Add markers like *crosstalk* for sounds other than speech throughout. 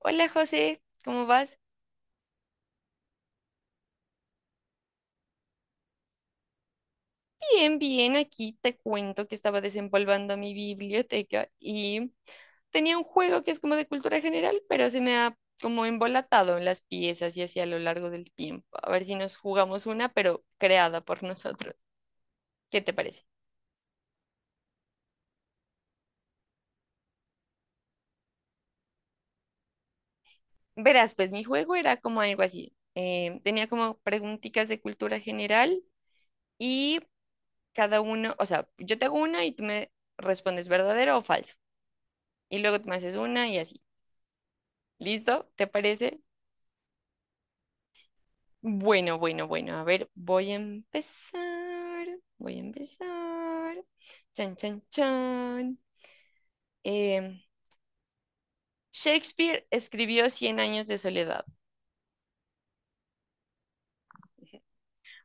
Hola José, ¿cómo vas? Bien, bien, aquí te cuento que estaba desempolvando mi biblioteca y tenía un juego que es como de cultura general, pero se me ha como embolatado en las piezas y así a lo largo del tiempo. A ver si nos jugamos una, pero creada por nosotros. ¿Qué te parece? Verás, pues mi juego era como algo así. Tenía como preguntitas de cultura general y cada uno, o sea, yo te hago una y tú me respondes verdadero o falso. Y luego tú me haces una y así. ¿Listo? ¿Te parece? Bueno, bueno, bueno. A ver, voy a empezar. Voy a empezar. Chan, chan, chan. Em, Shakespeare escribió Cien años de soledad.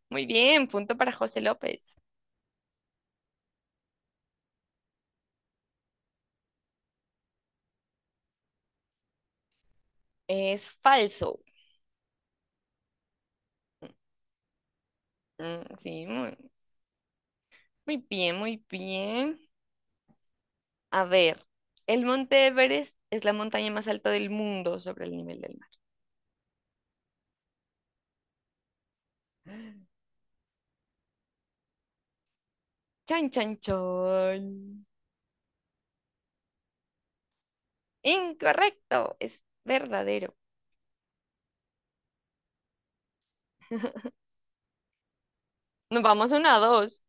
Muy bien, punto para José López. Es falso. Mm, sí, muy, muy bien, muy bien. A ver, el monte Everest es la montaña más alta del mundo sobre el nivel del mar. Chan, chan, chan. Incorrecto, es verdadero. *laughs* Nos vamos una a dos.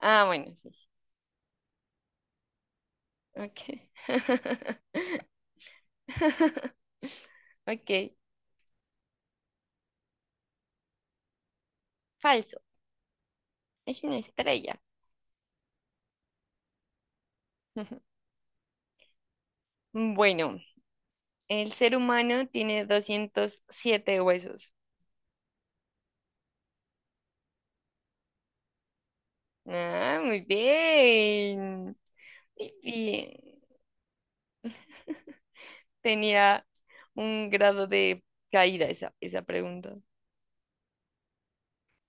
Ah, bueno, sí. Ok. *laughs* Ok. Falso. Es una estrella. *laughs* Bueno, el ser humano tiene 207 huesos. Ah, muy bien. Muy bien. *laughs* Tenía un grado de caída esa, esa pregunta.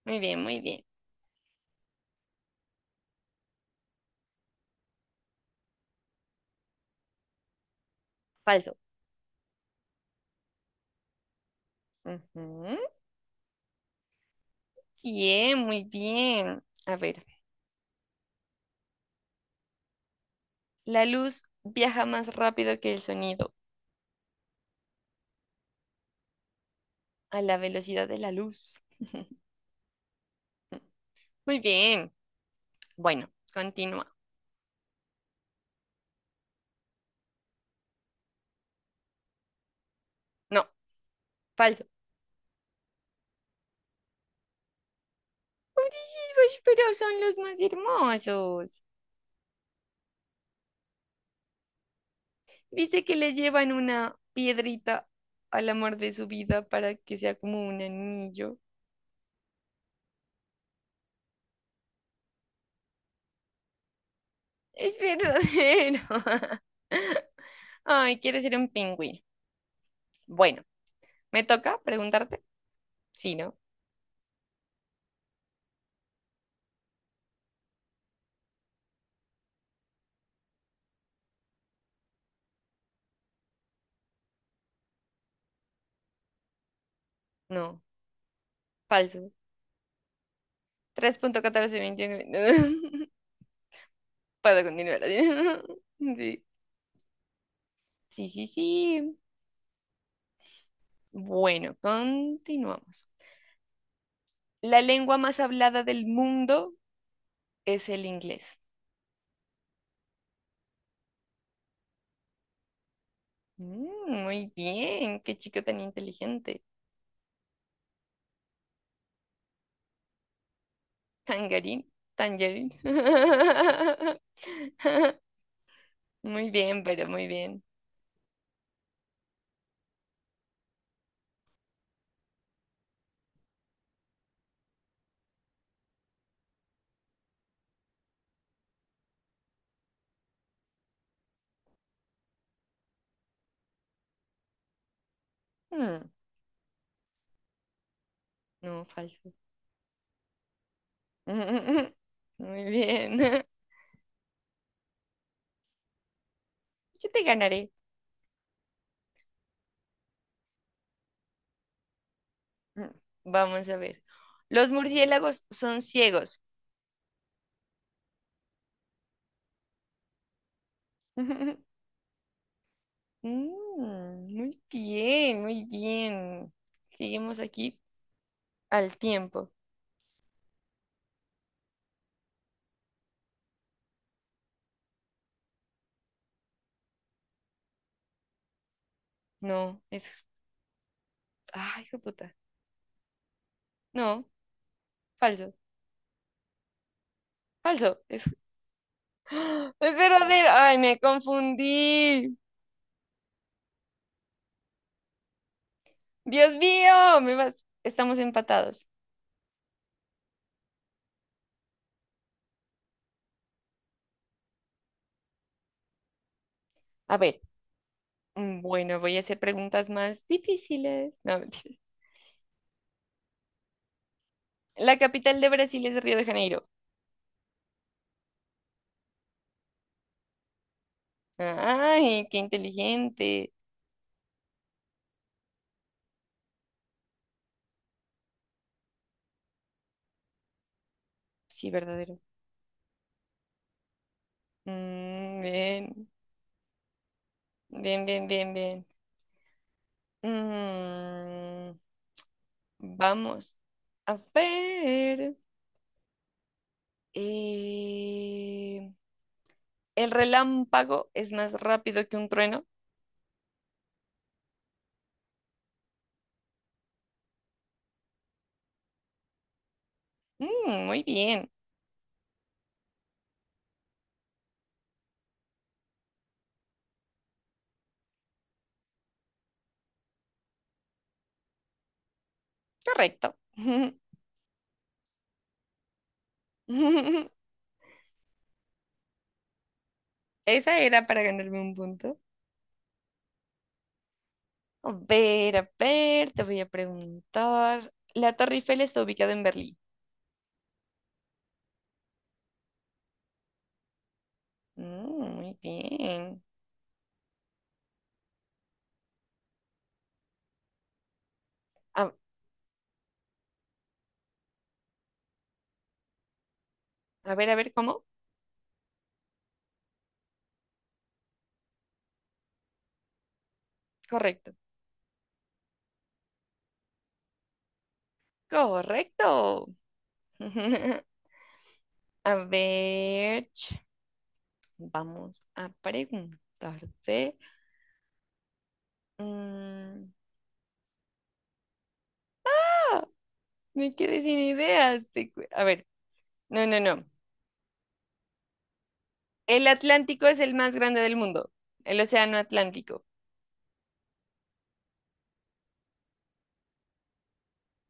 Muy bien, muy bien. Falso. Ujú. Bien, muy bien. A ver, la luz viaja más rápido que el sonido. A la velocidad de la luz. Muy bien. Bueno, continúa. No, falso. Pobrecitos, pero son los más hermosos. ¿Viste que les llevan una piedrita al amor de su vida para que sea como un anillo? Es verdadero. *laughs* Ay, quiero ser un pingüino. Bueno, ¿me toca preguntarte? Sí, ¿no? No, falso. 3.1429. *laughs* Puedo continuar. Así. *laughs* Sí, sí, sí, sí. Bueno, continuamos. La lengua más hablada del mundo es el inglés. Mm, muy bien, qué chico tan inteligente. Tangarín, tangerín. *laughs* Muy bien, pero muy bien. Mm, no, falso. *laughs* Muy bien. *laughs* Yo te ganaré. Mm, vamos a ver. Los murciélagos son ciegos. *laughs* Mm, muy bien, muy bien. Seguimos aquí. Al tiempo. No, es. Ay, hijo de puta. No, falso. Falso. Es, *gasps* ¡Ah! Es verdadero. Ay, me confundí. Dios mío, me vas. Estamos empatados. A ver, mm, bueno, voy a hacer preguntas más difíciles. No, *laughs* mentira. La capital de Brasil es Río de Janeiro. Ay, qué inteligente. Sí, verdadero. Mm, bien, bien, bien, bien. Mm, vamos a ver. Eh, el relámpago es más rápido que un trueno. Mm, muy bien, correcto. *laughs* Esa era para ganarme un punto. A ver, te voy a preguntar. La Torre Eiffel está ubicada en Berlín. Mm, muy bien. A, a ver, ¿cómo? Correcto. Correcto. *laughs* A ver, vamos a preguntarte. mm, Me quedé sin ideas. A ver, no, no, no. El Atlántico es el más grande del mundo. El océano Atlántico.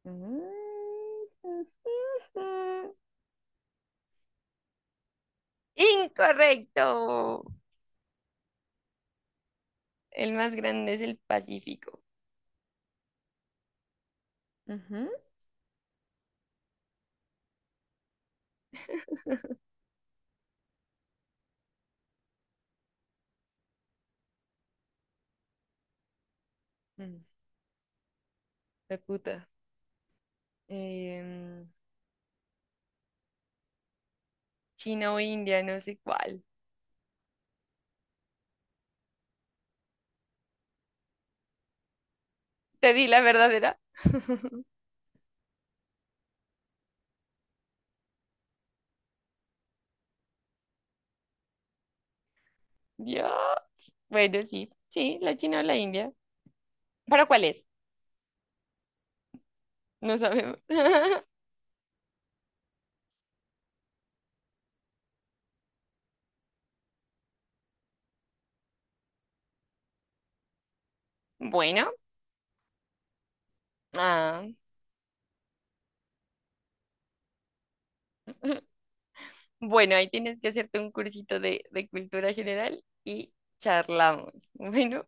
Mm, mm, Incorrecto. El más grande es el Pacífico. Ujú. Mm, la puta. Em, China o India, no sé cuál. Te di la verdadera. *laughs* Dios. Bueno, sí. Sí, la China o la India. ¿Para cuál es? No sabemos. *laughs* Bueno. Ah. *laughs* Bueno, ahí tienes que hacerte un cursito de cultura general y charlamos. Bueno,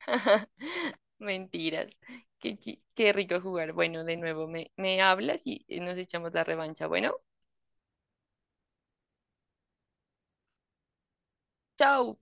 *laughs* mentiras. Qué, qué rico jugar. Bueno, de nuevo me hablas y nos echamos la revancha. Bueno, chao.